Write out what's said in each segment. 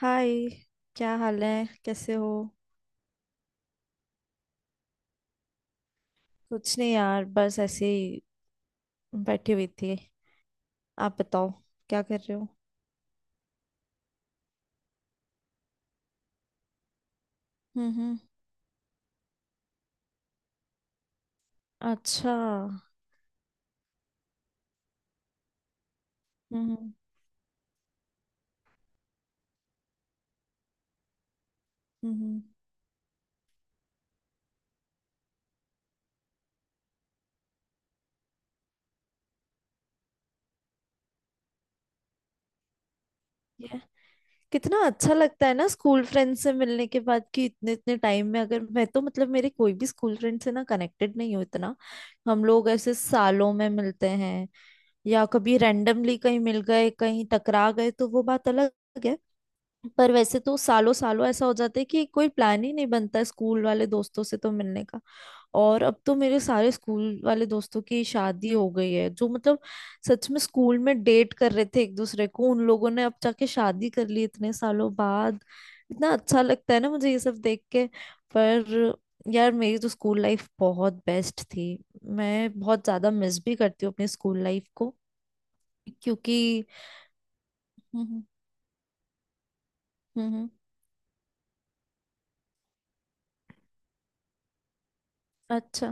हाय। क्या हाल है, कैसे हो? कुछ नहीं यार, बस ऐसे ही बैठी हुई थी। आप बताओ, क्या कर रहे हो? हम्म। अच्छा। हम्म। हम्म। ये कितना अच्छा लगता है ना स्कूल फ्रेंड से मिलने के बाद कि इतने इतने टाइम में। अगर मैं तो, मतलब मेरे कोई भी स्कूल फ्रेंड से ना कनेक्टेड नहीं हूँ इतना। हम लोग ऐसे सालों में मिलते हैं, या कभी रैंडमली कहीं मिल गए, कहीं टकरा गए तो वो बात अलग है। पर वैसे तो सालों सालों ऐसा हो जाता है कि कोई प्लान ही नहीं बनता है स्कूल वाले दोस्तों से तो मिलने का। और अब तो मेरे सारे स्कूल वाले दोस्तों की शादी हो गई है, जो मतलब सच में स्कूल में डेट कर रहे थे एक दूसरे को, उन लोगों ने अब जाके शादी कर ली इतने सालों बाद। इतना अच्छा लगता है ना मुझे ये सब देख के। पर यार, मेरी तो स्कूल लाइफ बहुत बेस्ट थी। मैं बहुत ज्यादा मिस भी करती हूँ अपनी स्कूल लाइफ को, क्योंकि हम्म। हम्म। अच्छा।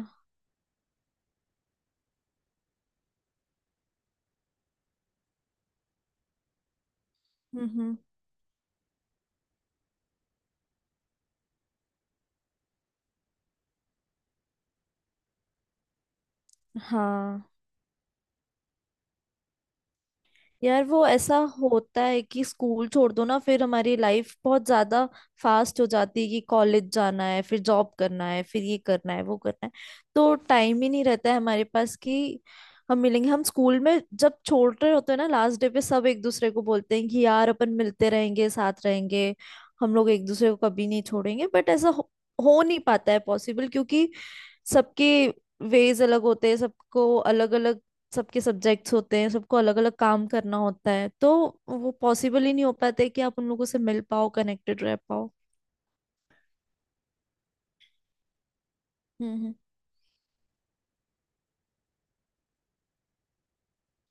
हम्म। हम्म। हाँ। यार, वो ऐसा होता है कि स्कूल छोड़ दो ना, फिर हमारी लाइफ बहुत ज्यादा फास्ट हो जाती है कि कॉलेज जाना है, फिर जॉब करना है, फिर ये करना है, वो करना है। तो टाइम ही नहीं रहता है हमारे पास कि हम मिलेंगे। हम स्कूल में जब छोड़ रहे होते हैं ना लास्ट डे पे सब एक दूसरे को बोलते हैं कि यार अपन मिलते रहेंगे, साथ रहेंगे, हम लोग एक दूसरे को कभी नहीं छोड़ेंगे। बट ऐसा हो नहीं पाता है पॉसिबल, क्योंकि सबके वेज अलग होते हैं, सबको अलग अलग सबके सब्जेक्ट्स होते हैं, सबको अलग अलग काम करना होता है। तो वो पॉसिबल ही नहीं हो पाता है कि आप उन लोगों से मिल पाओ, कनेक्टेड रह पाओ। हम्म।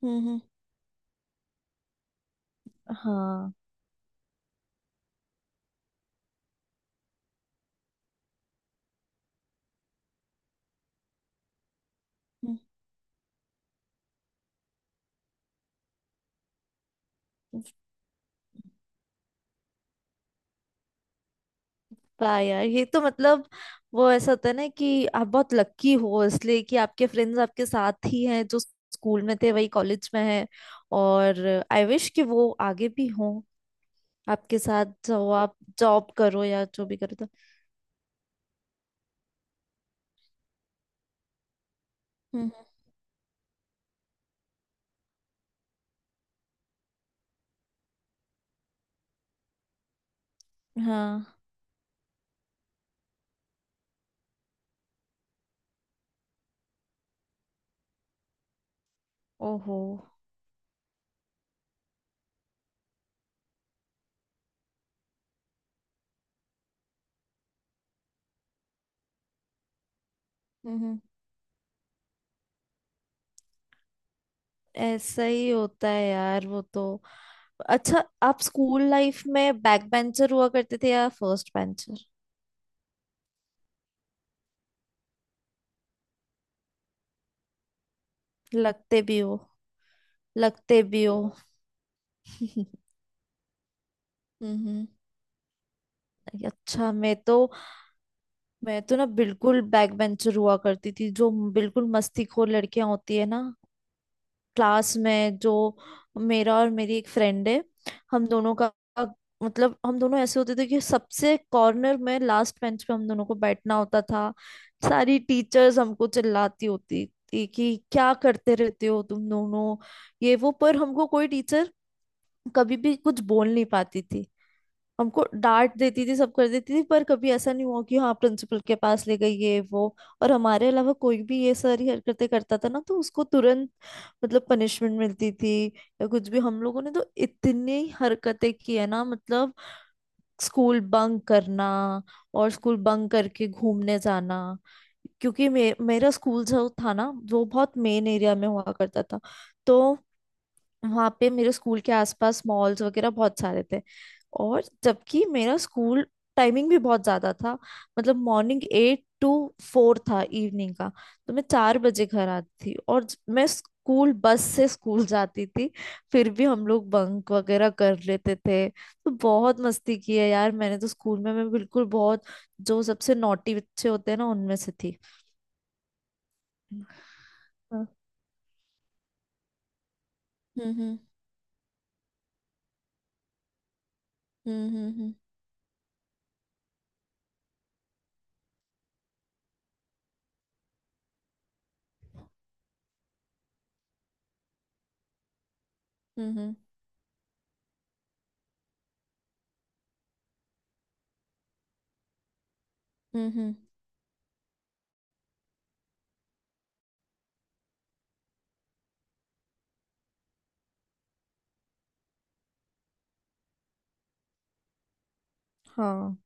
हम्म। हम्म। हाँ। हम्म। वाह यार, ये तो मतलब वो ऐसा होता है ना कि आप बहुत लक्की हो इसलिए कि आपके फ्रेंड्स आपके साथ ही हैं, जो स्कूल में थे वही कॉलेज में हैं। और आई विश कि वो आगे भी हों आपके साथ, जो आप जॉब करो या जो भी करो। तो हम्म, हाँ। ओहो। ऐसा ही होता है यार, वो तो। अच्छा, आप स्कूल लाइफ में बैक बेंचर हुआ करते थे या फर्स्ट बेंचर? लगते भी हो। लगते भी हो। हम्म। अच्छा, मैं तो ना बिल्कुल बैक बेंचर हुआ करती थी, जो बिल्कुल मस्तीखोर लड़कियां होती है ना क्लास में, जो। मेरा और मेरी एक फ्रेंड है, हम दोनों का, मतलब हम दोनों ऐसे होते थे कि सबसे कॉर्नर में लास्ट बेंच पे हम दोनों को बैठना होता था। सारी टीचर्स हमको चिल्लाती होती थी कि क्या करते रहते हो तुम दोनों, ये वो। पर हमको कोई टीचर कभी भी कुछ बोल नहीं पाती थी। हमको डांट देती थी, सब कर देती थी, पर कभी ऐसा नहीं हुआ कि हाँ प्रिंसिपल के पास ले गई ये वो। और हमारे अलावा कोई भी ये सारी हरकतें करता था ना, तो उसको तुरंत मतलब पनिशमेंट मिलती थी या कुछ भी। हम लोगों ने तो इतनी हरकतें की है ना, मतलब स्कूल बंक करना, और स्कूल बंक करके घूमने जाना, क्योंकि मे, मेरा स्कूल जो था ना वो बहुत मेन एरिया में हुआ करता था। तो वहां पे मेरे स्कूल के आसपास मॉल्स वगैरह बहुत सारे थे। और जबकि मेरा स्कूल टाइमिंग भी बहुत ज्यादा था, मतलब मॉर्निंग एट टू फोर था इवनिंग का। तो मैं चार बजे घर आती थी और ज- मैं स्कूल बस से स्कूल जाती थी। फिर भी हम लोग बंक वगैरह कर लेते थे। तो बहुत मस्ती की है यार मैंने तो स्कूल में। मैं बिल्कुल बहुत जो सबसे नॉटी बच्चे होते हैं ना उनमें से थी। हाँ। हम्म। हम्म। हम्म। हम्म। हम्म। हम्म। हम्म, हम्म, हाँ।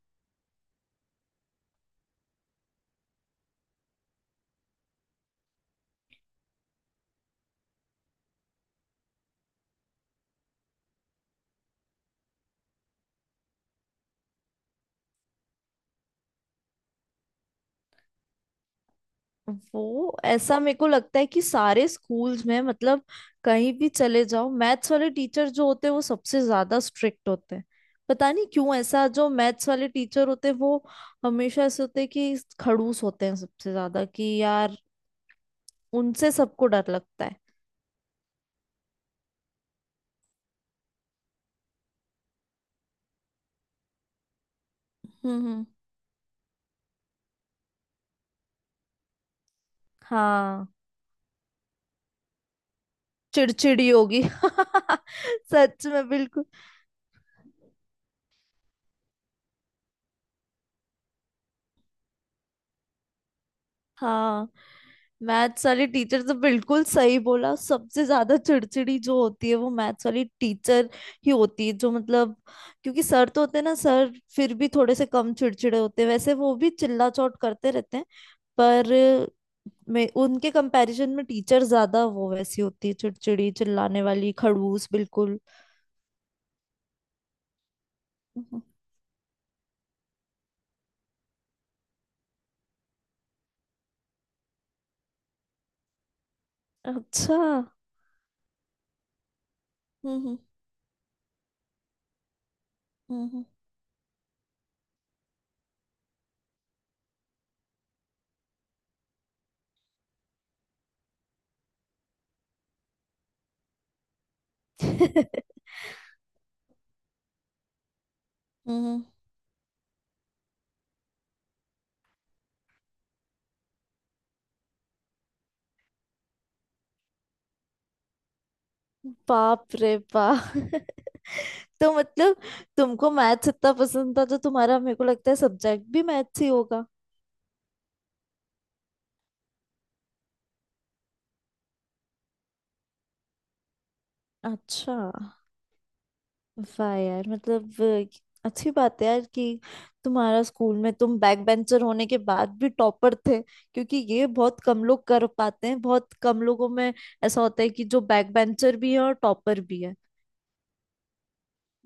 वो ऐसा मेरे को लगता है कि सारे स्कूल्स में, मतलब कहीं भी चले जाओ, मैथ्स वाले टीचर जो होते हैं वो सबसे ज्यादा स्ट्रिक्ट होते हैं। पता नहीं क्यों ऐसा, जो मैथ्स वाले टीचर होते हैं वो हमेशा ऐसे होते हैं कि खड़ूस होते हैं सबसे ज्यादा कि यार उनसे सबको डर लगता है। हम्म। हम्म। हाँ, चिड़चिड़ी होगी। सच में, बिल्कुल हाँ। मैथ्स वाली टीचर तो, बिल्कुल सही बोला, सबसे ज्यादा चिड़चिड़ी जो होती है वो मैथ्स वाली टीचर ही होती है, जो मतलब क्योंकि सर तो होते हैं ना, सर फिर भी थोड़े से कम चिड़चिड़े होते हैं। वैसे वो भी चिल्ला चोट करते रहते हैं, पर मैं उनके कंपैरिजन में टीचर ज्यादा वो वैसी होती है, चिड़चिड़ी, चिल्लाने वाली, खड़ूस बिल्कुल। हम्म, अच्छा। हम्म। हम्म। हम्म। हम्म। हम्म। बाप रे बाप। तो मतलब तुमको मैथ्स इतना पसंद था तो तुम्हारा मेरे को लगता है सब्जेक्ट भी मैथ्स ही होगा। अच्छा। वाह यार, मतलब अ, अच्छी बात है यार, कि तुम्हारा स्कूल में तुम बैक बेंचर होने के बाद भी टॉपर थे। क्योंकि ये बहुत कम लोग कर पाते हैं, बहुत कम लोगों में ऐसा होता है कि जो बैक बेंचर भी है और टॉपर भी है।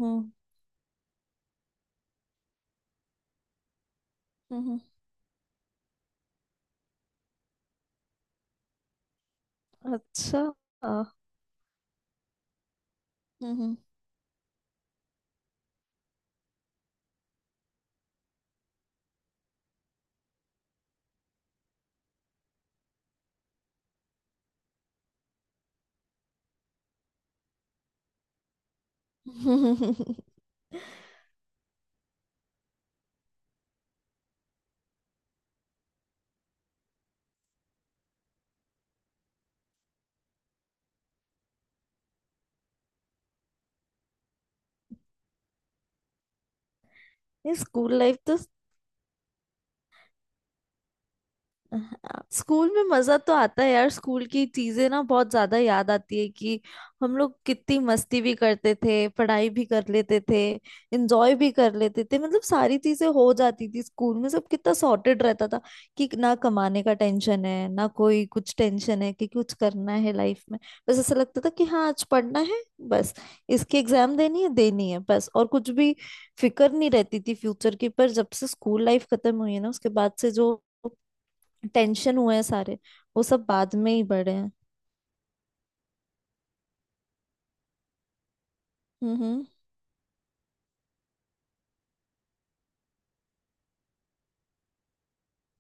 हम्म। हम्म। अच्छा। आ, हम्म। हम्म। ये स्कूल लाइफ तो हाँ, स्कूल में मजा तो आता है यार। स्कूल की चीजें ना बहुत ज्यादा याद आती है कि हम लोग कितनी मस्ती भी करते थे, पढ़ाई भी कर लेते थे, एंजॉय भी कर लेते थे, मतलब सारी चीजें हो जाती थी स्कूल में। सब कितना सॉर्टेड रहता था कि ना कमाने का टेंशन है, ना कोई कुछ टेंशन है कि कुछ करना है लाइफ में। बस ऐसा लगता था कि हाँ आज पढ़ना है बस, इसकी एग्जाम देनी है, देनी है बस, और कुछ भी फिक्र नहीं रहती थी फ्यूचर की। पर जब से स्कूल लाइफ खत्म हुई है ना, उसके बाद से जो टेंशन हुए हैं सारे, वो सब बाद में ही बढ़े हैं। हम्म।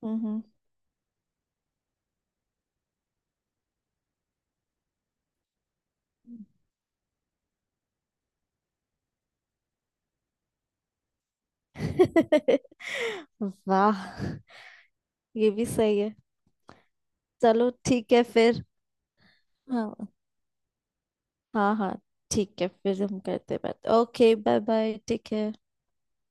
हम्म। हम्म। वाह, ये भी सही है। चलो ठीक है फिर। हाँ। हाँ हाँ। ठीक है, फिर हम करते हैं बात। Okay, bye bye, take care.